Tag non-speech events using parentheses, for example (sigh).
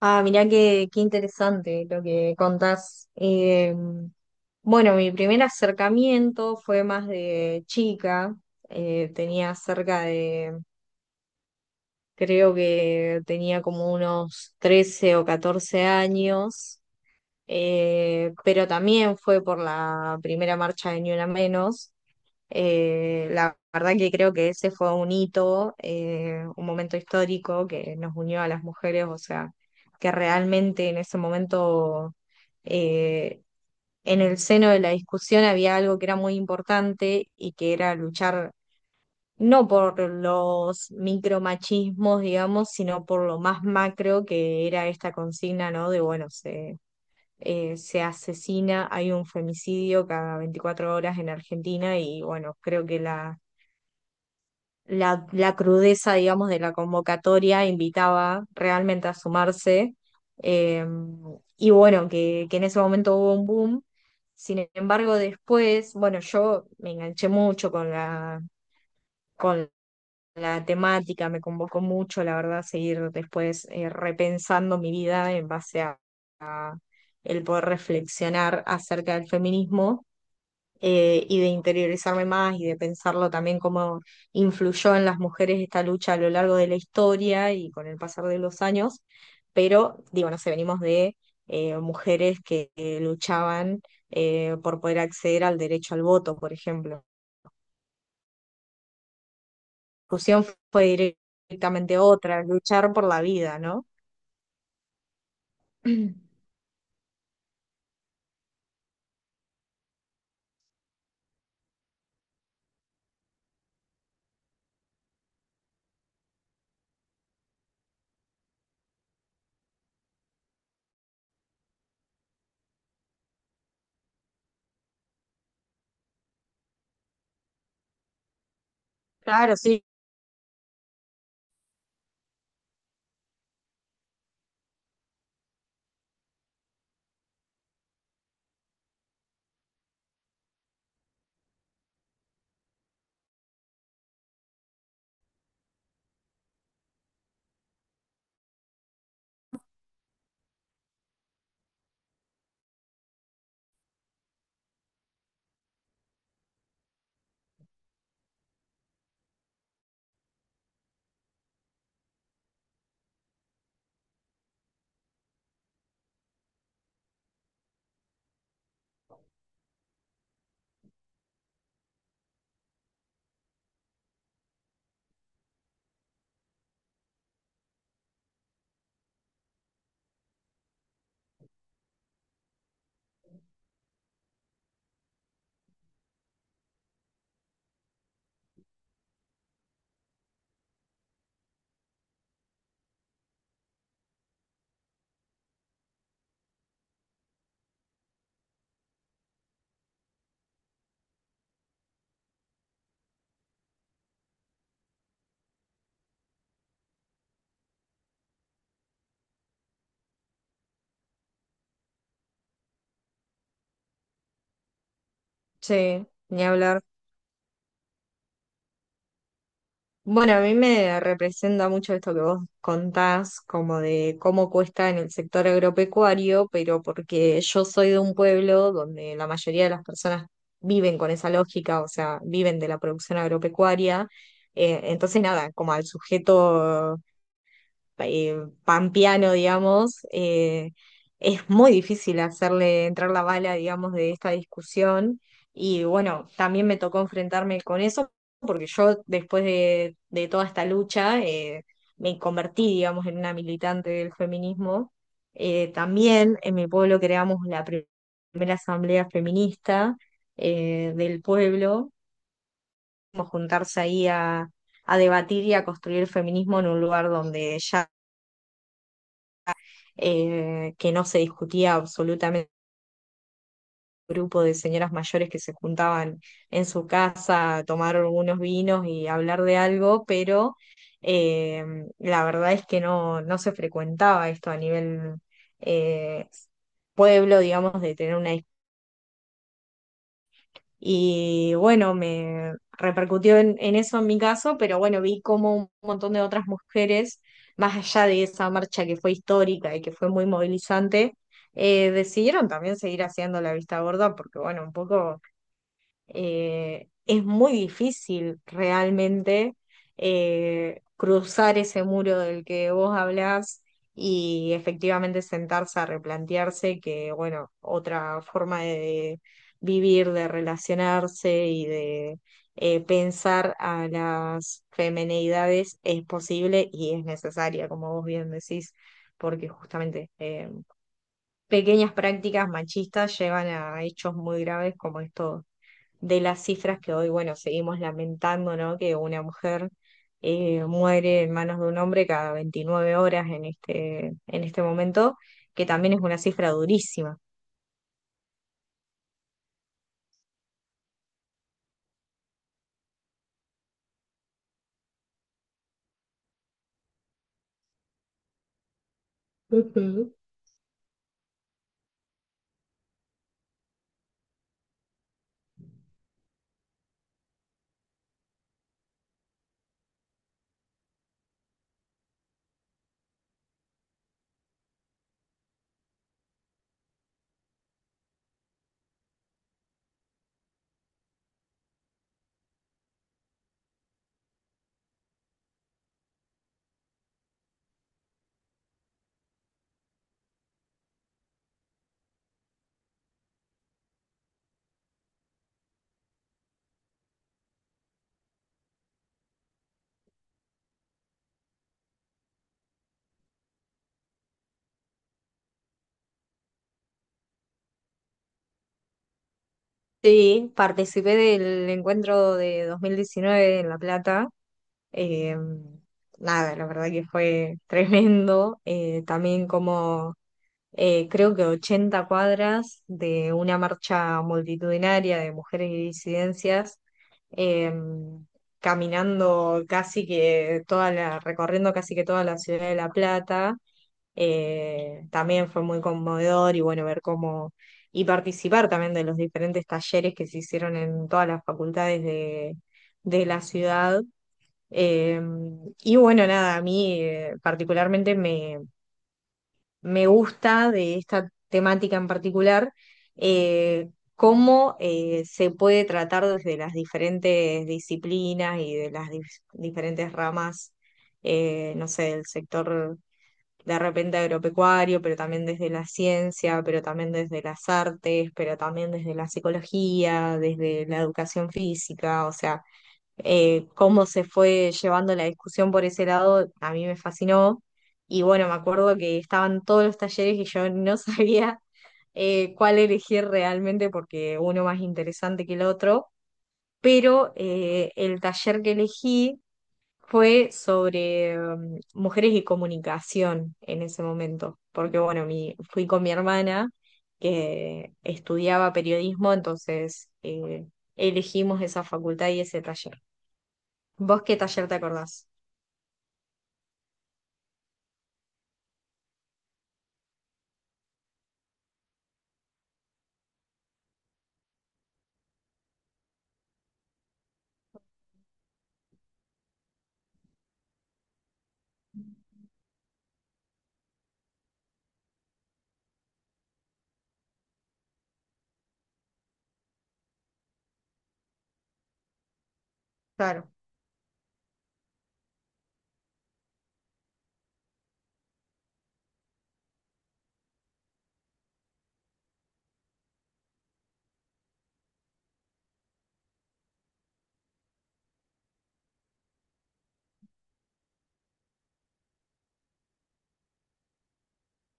Ah, mirá qué interesante lo que contás. Bueno, mi primer acercamiento fue más de chica. Eh, tenía cerca de, creo que tenía como unos 13 o 14 años. Pero también fue por la primera marcha de Ni Una Menos. La verdad que creo que ese fue un hito, un momento histórico que nos unió a las mujeres, o sea, que realmente en ese momento, eh, en el seno de la discusión había algo que era muy importante y que era luchar no por los micromachismos, digamos, sino por lo más macro que era esta consigna, ¿no? De, bueno, se asesina, hay un femicidio cada 24 horas en Argentina. Y bueno, creo que la crudeza, digamos, de la convocatoria invitaba realmente a sumarse. eh, y bueno, que en ese momento hubo un boom. Sin embargo, después, bueno, yo me enganché mucho con con la temática, me convocó mucho, la verdad, seguir después repensando mi vida en base a el poder reflexionar acerca del feminismo y de interiorizarme más y de pensarlo también cómo influyó en las mujeres esta lucha a lo largo de la historia y con el pasar de los años. Pero digo, no sé, venimos de mujeres que luchaban por poder acceder al derecho al voto, por ejemplo. La discusión fue directamente otra, luchar por la vida, ¿no? (clears throat) Claro, sí, sí, ni hablar. Bueno, a mí me representa mucho esto que vos contás, como de cómo cuesta en el sector agropecuario, pero porque yo soy de un pueblo donde la mayoría de las personas viven con esa lógica, o sea, viven de la producción agropecuaria. Entonces, nada, como al sujeto eh, pampeano, digamos, es muy difícil hacerle entrar la bala, digamos, de esta discusión. Y bueno, también me tocó enfrentarme con eso, porque yo después de toda esta lucha me convertí, digamos, en una militante del feminismo. También en mi pueblo creamos la primera asamblea feminista del pueblo, como juntarse ahí a debatir y a construir feminismo en un lugar donde ya que no se discutía absolutamente grupo de señoras mayores que se juntaban en su casa a tomar unos vinos y hablar de algo. Pero eh, la verdad es que no, no se frecuentaba esto a nivel eh, pueblo, digamos, de tener una. Y bueno, me repercutió en, eso en mi caso, pero bueno, vi cómo un montón de otras mujeres, más allá de esa marcha que fue histórica y que fue muy movilizante, decidieron también seguir haciendo la vista gorda, porque bueno, un poco es muy difícil realmente cruzar ese muro del que vos hablás y efectivamente sentarse a replantearse que, bueno, otra forma de vivir, de relacionarse y de pensar a las femenidades es posible y es necesaria, como vos bien decís, porque justamente pequeñas prácticas machistas llevan a hechos muy graves como estos, de las cifras que hoy, bueno, seguimos lamentando, ¿no? Que una mujer muere en manos de un hombre cada 29 horas en este momento, que también es una cifra durísima. Ujú. Sí, participé del encuentro de 2019 en La Plata. eh, Nada, la verdad que fue tremendo. También como creo que 80 cuadras de una marcha multitudinaria de mujeres y disidencias, eh, caminando casi que recorriendo casi que toda la ciudad de La Plata. También fue muy conmovedor y bueno, ver cómo, y participar también de los diferentes talleres que se hicieron en todas las facultades de la ciudad. Eh, y bueno, nada, a mí particularmente me gusta de esta temática en particular, eh, cómo se puede tratar desde las diferentes disciplinas y de las diferentes ramas, no sé, del sector de repente agropecuario, pero también desde la ciencia, pero también desde las artes, pero también desde la psicología, desde la educación física, o sea cómo se fue llevando la discusión por ese lado, a mí me fascinó. Y bueno, me acuerdo que estaban todos los talleres y yo no (laughs) sabía cuál elegir realmente porque uno más interesante que el otro, pero el taller que elegí fue sobre mujeres y comunicación en ese momento, porque bueno, fui con mi hermana que estudiaba periodismo, entonces elegimos esa facultad y ese taller. ¿Vos qué taller te acordás? Claro.